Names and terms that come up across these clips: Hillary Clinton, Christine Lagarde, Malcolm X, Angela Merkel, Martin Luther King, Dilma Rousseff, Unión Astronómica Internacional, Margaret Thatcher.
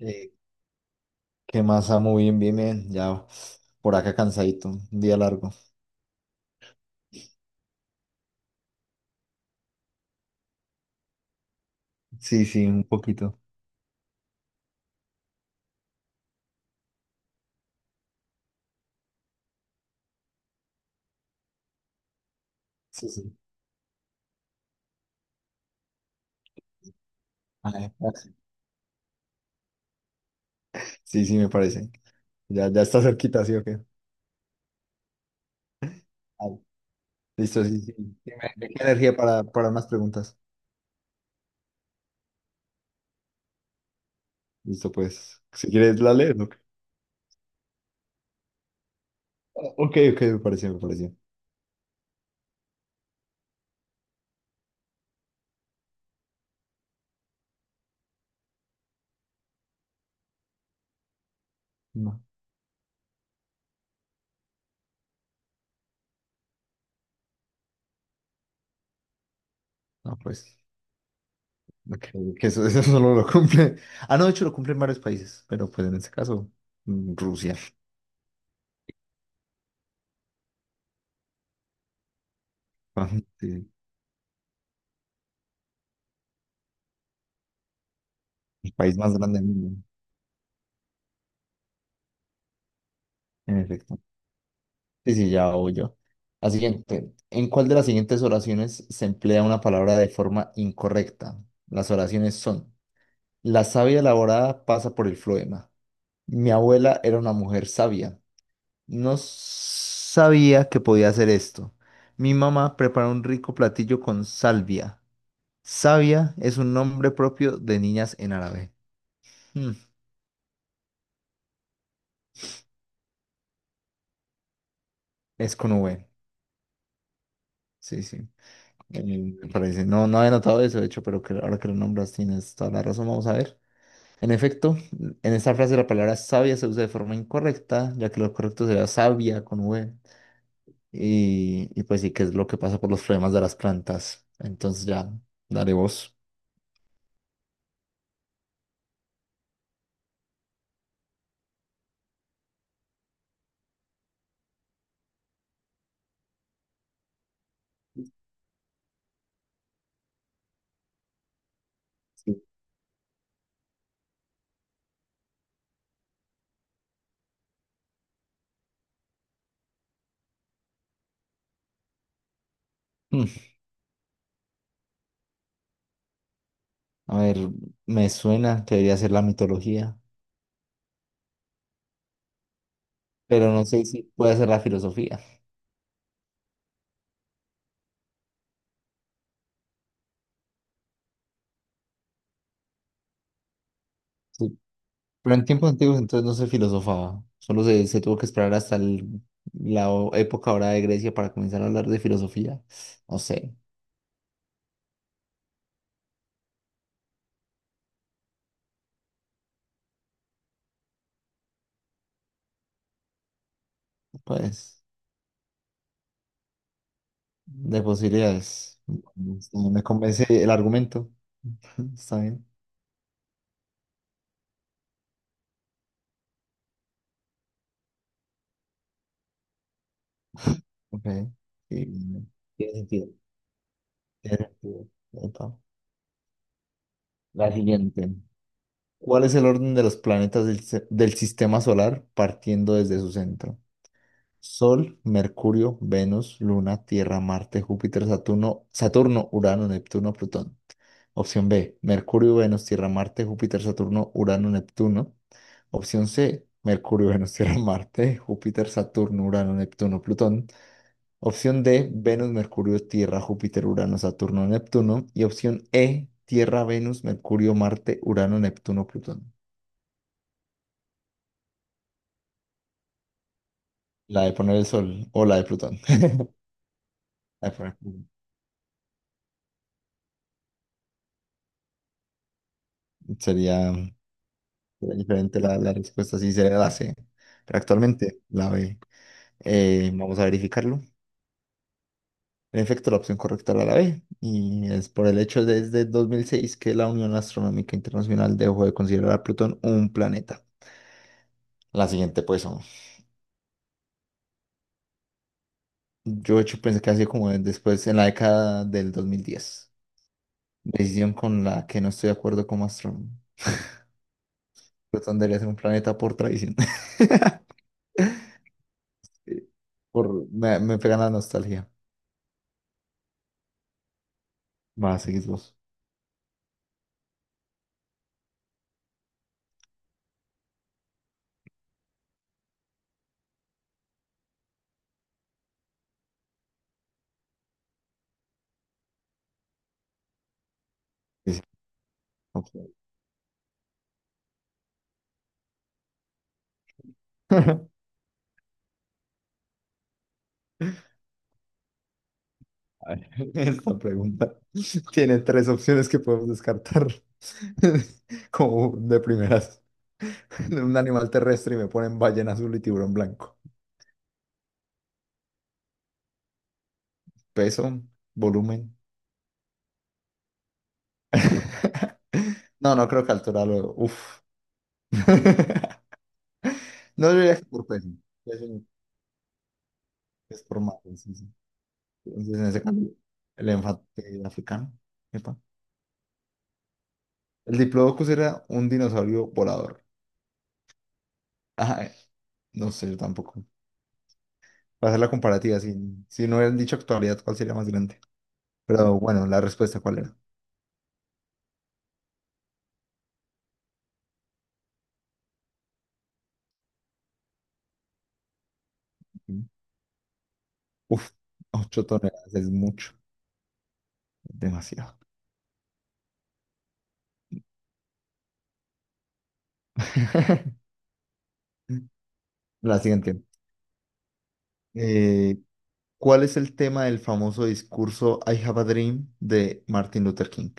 Eh, ¿Qué más, Samu? Bien, bien, bien. Ya por acá cansadito, un día largo. Sí, sí, un poquito. Sí, sí. Ay, sí, sí, me parece. Ya, ya está cerquita, ¿sí o qué? Ah, listo, sí, sí. ¿Qué energía para más preguntas? Listo, pues. Si quieres, la lees, ¿o qué? Ah, ok, ok, me pareció, me pareció. No, no, pues. Ok, que eso, eso solo lo cumple. Ah, no, de hecho lo cumplen varios países, pero pues en este caso, Rusia. Sí, el país más grande del mundo, en efecto. Sí, sí, ya huyo. La siguiente. ¿En cuál de las siguientes oraciones se emplea una palabra de forma incorrecta? Las oraciones son: la savia elaborada pasa por el floema. Mi abuela era una mujer sabia. No sabía que podía hacer esto. Mi mamá prepara un rico platillo con salvia. Savia es un nombre propio de niñas en árabe. Mm, es con V. Sí, sí. Me parece. No, no había notado eso, de hecho, pero que ahora que lo nombras tienes toda la razón. Vamos a ver. En efecto, en esta frase la palabra sabia se usa de forma incorrecta, ya que lo correcto sería sabia con V. Y, y pues sí, que es lo que pasa por los problemas de las plantas. Entonces ya daré voz. Sí. Mm, a ver, me suena que debería ser la mitología, pero no sé si puede ser la filosofía. Sí, pero en tiempos antiguos entonces no se filosofaba, se tuvo que esperar hasta la época ahora de Grecia para comenzar a hablar de filosofía. No sé, pues. De posibilidades. No me convence el argumento. Está bien. Ok. Sí, tiene sentido. Tiene sentido. Epa. La siguiente. ¿Cuál es el orden de los planetas del sistema solar partiendo desde su centro? Sol, Mercurio, Venus, Luna, Tierra, Marte, Júpiter, Saturno, Urano, Neptuno, Plutón. Opción B, Mercurio, Venus, Tierra, Marte, Júpiter, Saturno, Urano, Neptuno. Opción C, Mercurio, Venus, Tierra, Marte, Júpiter, Saturno, Urano, Neptuno, Plutón. Opción D, Venus, Mercurio, Tierra, Júpiter, Urano, Saturno, Neptuno. Y opción E, Tierra, Venus, Mercurio, Marte, Urano, Neptuno, Plutón. La de poner el sol o la de Plutón. La de poner Plutón. Sería, sería diferente la respuesta si sería la C. Pero actualmente la B. Vamos a verificarlo. En efecto, la opción correcta era la B, y es por el hecho de desde 2006 que la Unión Astronómica Internacional dejó de considerar a Plutón un planeta. La siguiente, pues, son- yo de hecho pensé que así como después, en la década del 2010. Decisión con la que no estoy de acuerdo como astrónomo. Plutón debería ser un planeta por tradición. Por, me pega la nostalgia. Va, seguís vos. Sí, sí, ok. A ver, esta pregunta tiene tres opciones que podemos descartar. Como de primeras, de un animal terrestre y me ponen ballena azul y tiburón blanco. Peso, volumen. No, no creo que altura lo. Uf. No diría que por peso. Peso es por más. Sí, sí. Entonces, en ese caso, el enfate africano. Epa. El Diplodocus era un dinosaurio volador. Ajá, no sé, yo tampoco. Para hacer la comparativa, si, si no hubieran dicho actualidad, ¿cuál sería más grande? Pero bueno, la respuesta, ¿cuál era? Uf, 8 toneladas es mucho, demasiado. La siguiente. Eh, ¿Cuál es el tema del famoso discurso I Have a Dream de Martin Luther King?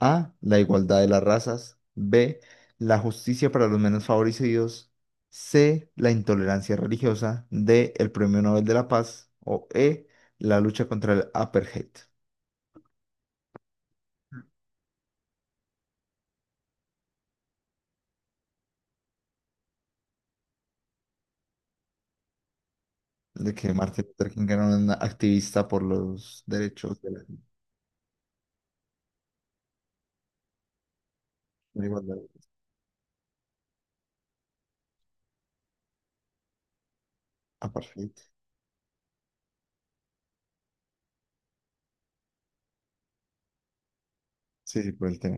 A. La igualdad de las razas. B. La justicia para los menos favorecidos. C. La intolerancia religiosa. D. El Premio Nobel de la Paz. O E. La lucha contra el apartheid. De que Martin Luther King era un activista por los derechos de la, la igualdad. Apartheid. Sí, sí, por el tema.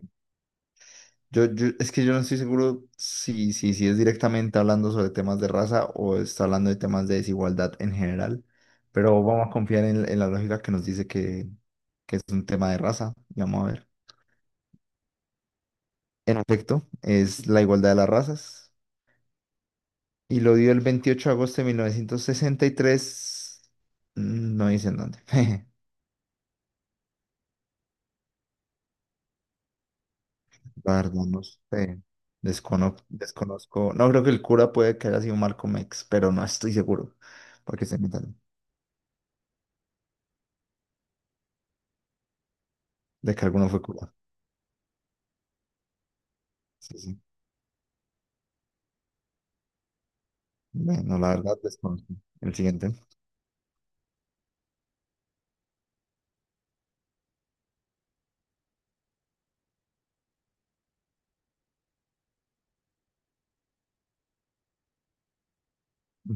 Es que yo no estoy seguro si, si es directamente hablando sobre temas de raza o está hablando de temas de desigualdad en general, pero vamos a confiar en la lógica que nos dice que es un tema de raza y vamos a ver. En efecto, es la igualdad de las razas y lo dio el 28 de agosto de 1963, no dice dónde. La verdad, no sé. Descono- desconozco. No creo que el cura puede que haya sido Malcolm X, pero no estoy seguro porque se metan de que alguno fue cura. Sí, sí. Bueno, la verdad desconozco. El siguiente. Mm.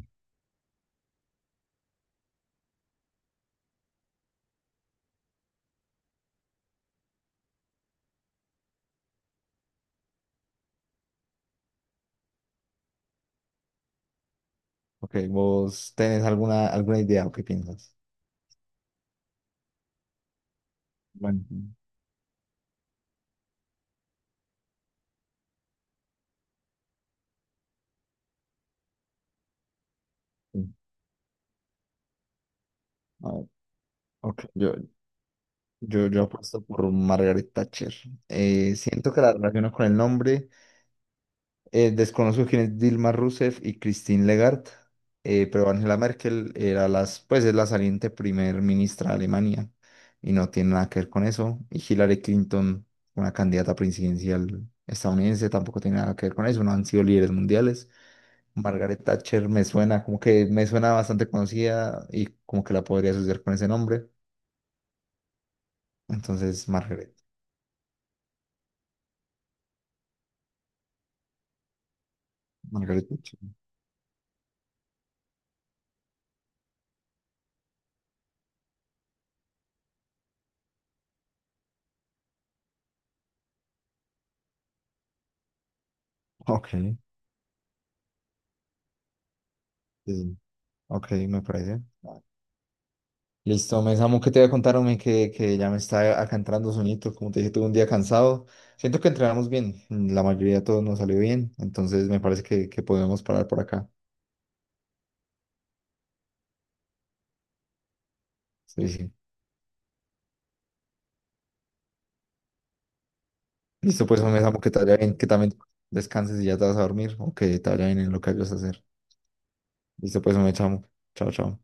Ok, ¿vos tenés alguna, alguna idea o qué piensas? Bueno, sí. A ver, ok. Yo apuesto por Margaret Thatcher. Siento que la relaciono con el nombre. Desconozco quién es Dilma Rousseff y Christine Lagarde, pero Angela Merkel era las, pues es la saliente primer ministra de Alemania y no tiene nada que ver con eso. Y Hillary Clinton, una candidata presidencial estadounidense, tampoco tiene nada que ver con eso, no han sido líderes mundiales. Margaret Thatcher me suena, como que me suena bastante conocida y como que la podría asociar con ese nombre. Entonces, Margaret Thatcher. Ok, sí, ok, me parece. Listo, me Samu, ¿qué te voy a contar, hombre? Que ya me está acá entrando sonito. Como te dije, tuve un día cansado. Siento que entrenamos bien. La mayoría de todos nos salió bien. Entonces me parece que podemos parar por acá. Sí, sí. Listo, pues, hombre, Samu, que te vaya bien, que también descanses y ya te vas a dormir o que te vaya bien en lo que vayas a hacer. Listo, pues, hombre, Samu. Chao, chao.